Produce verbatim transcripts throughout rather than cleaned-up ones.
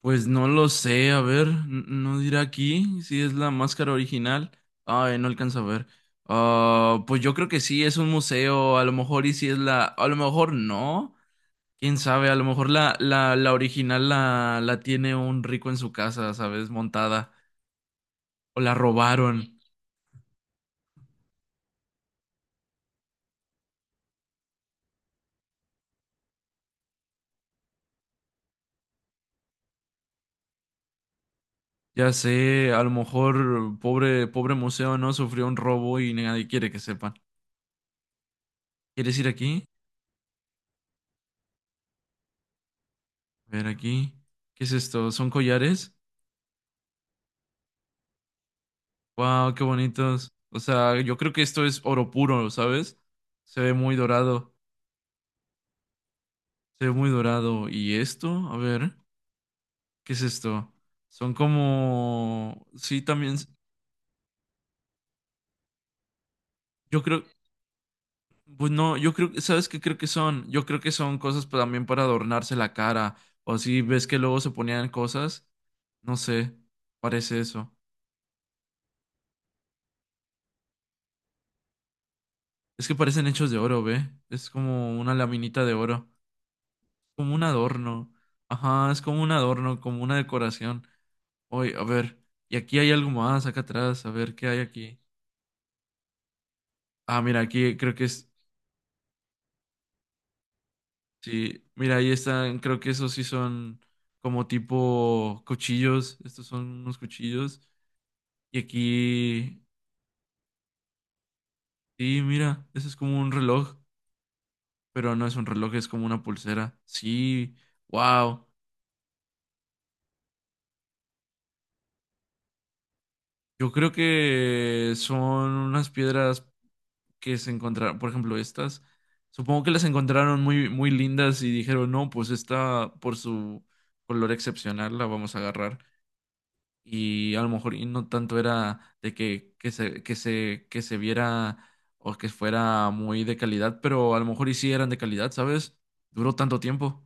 Pues no lo sé, a ver, n- no dirá aquí si es la máscara original. Ay, no alcanza a ver. Ah, pues yo creo que sí, es un museo, a lo mejor y si es la, a lo mejor no, quién sabe, a lo mejor la, la, la original la, la tiene un rico en su casa, ¿sabes? Montada, o la robaron, ya sé, a lo mejor pobre, pobre museo, ¿no? Sufrió un robo y nadie quiere que sepan. ¿Quieres ir aquí? A ver aquí, ¿qué es esto? ¿Son collares? Wow, qué bonitos. O sea, yo creo que esto es oro puro, ¿sabes? Se ve muy dorado, se ve muy dorado. ¿Y esto? A ver, ¿qué es esto? Son como, sí, también, s- yo creo, pues no, yo creo, ¿sabes qué creo que son? Yo creo que son cosas pa- también para adornarse la cara. O si ves que luego se ponían cosas, no sé, parece eso. Es que parecen hechos de oro, ¿ve? Es como una laminita de oro, como un adorno. Ajá, es como un adorno, como una decoración. Oye, a ver, y aquí hay algo más acá atrás, a ver qué hay aquí. Ah, mira, aquí creo que es, sí, mira, ahí están, creo que esos sí son como tipo cuchillos, estos son unos cuchillos. Y aquí, sí, mira, eso es como un reloj, pero no es un reloj, es como una pulsera. Sí, wow, yo creo que son unas piedras que se encontraron, por ejemplo, estas, supongo que las encontraron muy, muy lindas y dijeron, no, pues esta por su color excepcional la vamos a agarrar. Y a lo mejor y no tanto era de que, que se, que se, que se viera o que fuera muy de calidad, pero a lo mejor y sí eran de calidad, ¿sabes? Duró tanto tiempo.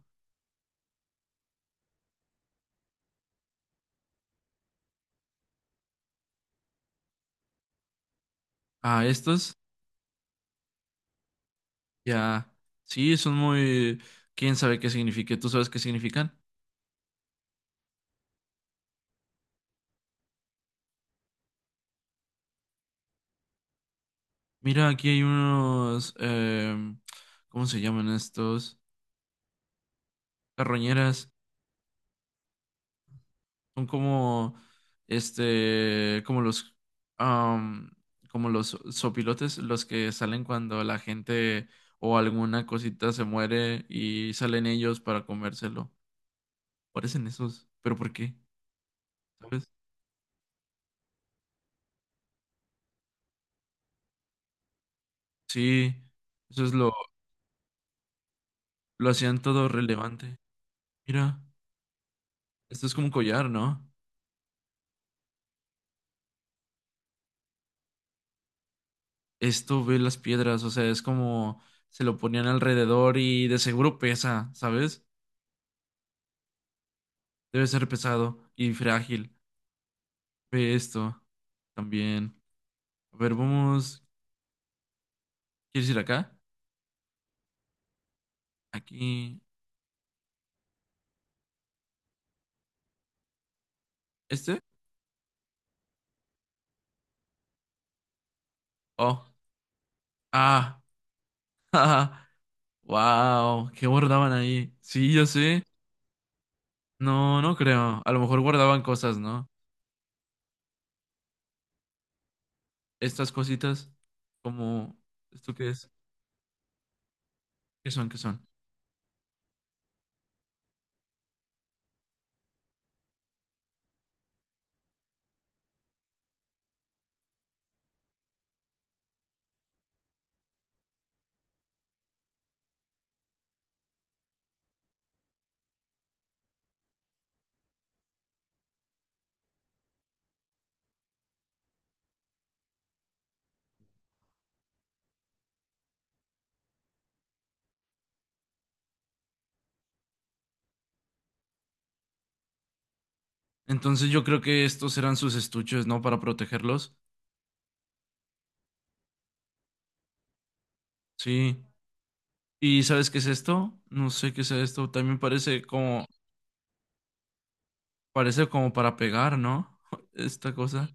Ah, estos ya, sí, son muy, quién sabe qué signifique, ¿tú sabes qué significan? Mira, aquí hay unos, em, ¿cómo se llaman estos? Carroñeras son como este, como los am, como los sopilotes, los que salen cuando la gente o alguna cosita se muere y salen ellos para comérselo. Parecen esos, pero ¿por qué? ¿Sabes? Sí, eso es lo lo hacían todo relevante. Mira, esto es como un collar, ¿no? Esto ve las piedras, o sea, es como se lo ponían alrededor y de seguro pesa, ¿sabes? Debe ser pesado y frágil. Ve esto también. A ver, vamos. ¿Quieres ir acá? Aquí. ¿Este? Oh. Ah. Wow. ¿Qué guardaban ahí? Sí, yo sé. No, no creo. A lo mejor guardaban cosas, ¿no? Estas cositas. Como. ¿Esto qué es? ¿Qué son? ¿Qué son? Entonces yo creo que estos eran sus estuches, ¿no? Para protegerlos. Sí. ¿Y sabes qué es esto? No sé qué es esto. También parece como. Parece como para pegar, ¿no? Esta cosa.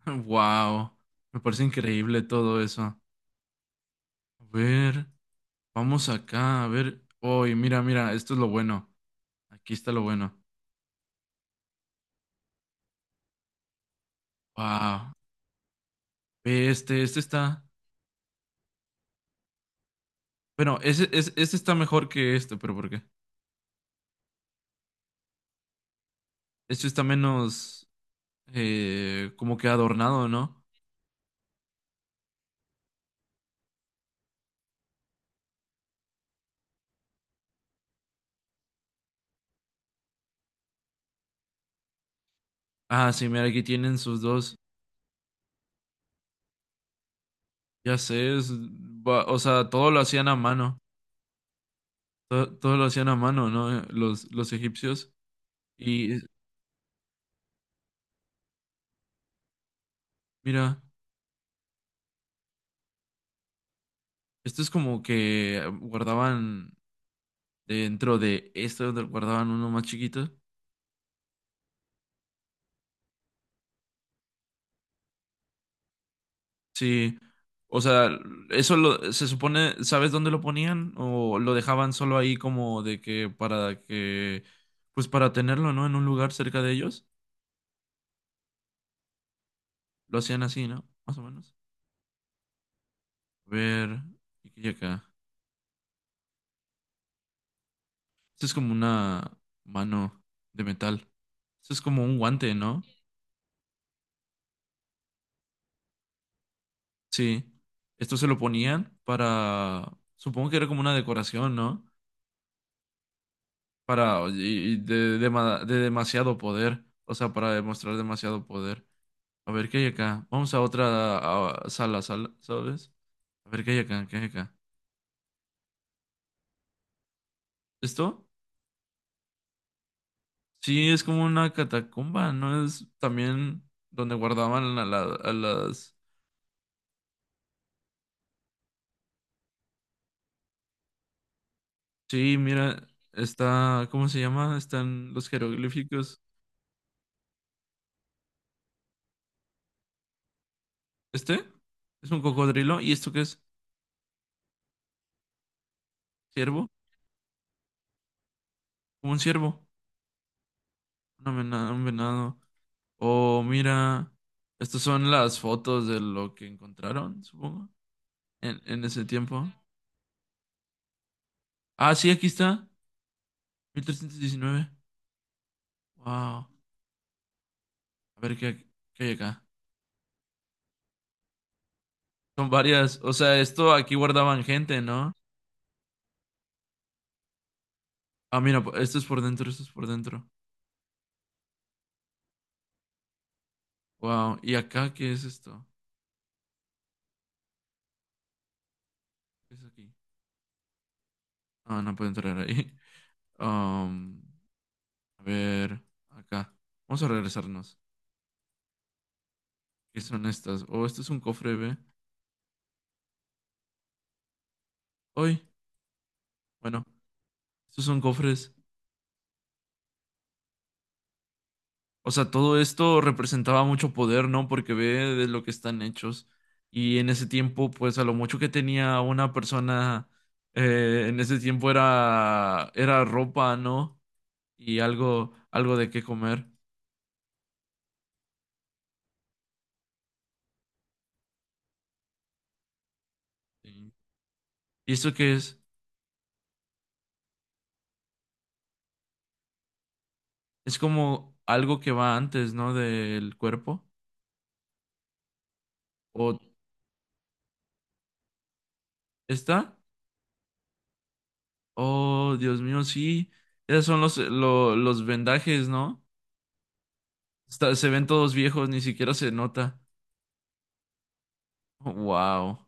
Wow, me parece increíble todo eso. A ver, vamos acá, a ver. Uy, mira, mira, esto es lo bueno. Aquí está lo bueno. Wow, ve este, este está. Bueno, ese, es- este está mejor que este, pero ¿por qué? Este está menos eh, como que adornado, ¿no? Ah, sí, mira, aquí tienen sus dos. Ya sé, es- va- o sea, todo lo hacían a mano. To- Todo, lo hacían a mano, ¿no? Los, los egipcios. Y mira. Esto es como que guardaban dentro de esto donde guardaban uno más chiquito. Sí, o sea, eso lo, se supone, ¿sabes dónde lo ponían? ¿O lo dejaban solo ahí como de que para que, pues para tenerlo, ¿no? En un lugar cerca de ellos. Lo hacían así, ¿no? Más o menos. A ver, ¿y qué hay acá? Esto es como una mano de metal. Esto es como un guante, ¿no? Sí. Esto se lo ponían para, supongo que era como una decoración, ¿no? Para y, y de, dema- de demasiado poder, o sea, para demostrar demasiado poder. A ver, ¿qué hay acá? Vamos a otra a- sala, sala, ¿sabes? A ver, ¿qué hay acá? ¿Qué hay acá? ¿Esto? Sí, es como una catacumba, ¿no? Es también donde guardaban a, la- a las... Sí, mira, está... ¿Cómo se llama? Están los jeroglíficos. ¿Este? ¿Es un cocodrilo? ¿Y esto qué es? ¿Ciervo? Como un ciervo. Una vena- un venado. Oh, mira, estas son las fotos de lo que encontraron, supongo, en, en ese tiempo. Ah, sí, aquí está, mil trescientos diecinueve. Wow, a ver qué, qué hay acá. Son varias, o sea, esto aquí guardaban gente, ¿no? Ah, mira, po- esto es por dentro, esto es por dentro. Wow, ¿y acá qué es esto? ¿Qué es aquí? Ah, no puedo entrar ahí. Um, a ver, acá. Vamos a regresarnos. ¿Qué son estas? Oh, esto es un cofre, ¿ve? Hoy, bueno, estos son cofres. O sea, todo esto representaba mucho poder, ¿no? Porque ve de lo que están hechos. Y en ese tiempo, pues a lo mucho que tenía una persona, eh, en ese tiempo era, era ropa, ¿no? Y algo, algo de qué comer. Sí. ¿Y eso qué es? Es como algo que va antes, ¿no? Del cuerpo. ¿O está? Oh, Dios mío, sí. Esos son los, lo- los vendajes, ¿no? Está- se ven todos viejos, ni siquiera se nota. Wow.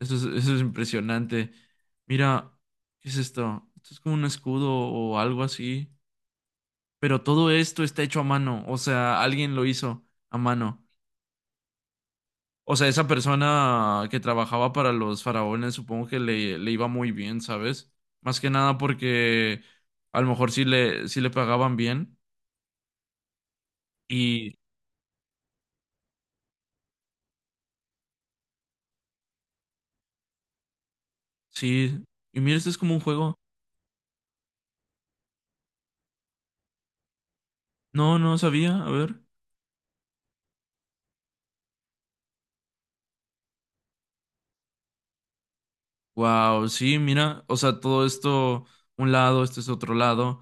Eso es, eso es impresionante. Mira, ¿qué es esto? Esto es como un escudo o algo así. Pero todo esto está hecho a mano. O sea, alguien lo hizo a mano. O sea, esa persona que trabajaba para los faraones, supongo que le, le iba muy bien, ¿sabes? Más que nada porque a lo mejor sí le, sí le pagaban bien. Y sí. Y mira, esto es como un juego. No, no sabía. A ver. Wow, sí, mira. O sea, todo esto, un lado, este es otro lado.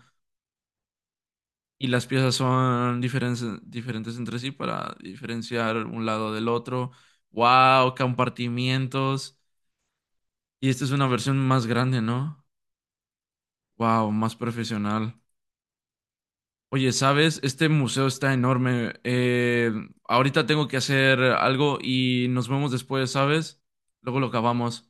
Y las piezas son diferen- diferentes entre sí para diferenciar un lado del otro. ¡Wow! Compartimientos. Y esta es una versión más grande, ¿no? ¡Wow! Más profesional. Oye, ¿sabes? Este museo está enorme. Eh, ahorita tengo que hacer algo y nos vemos después, ¿sabes? Luego lo acabamos.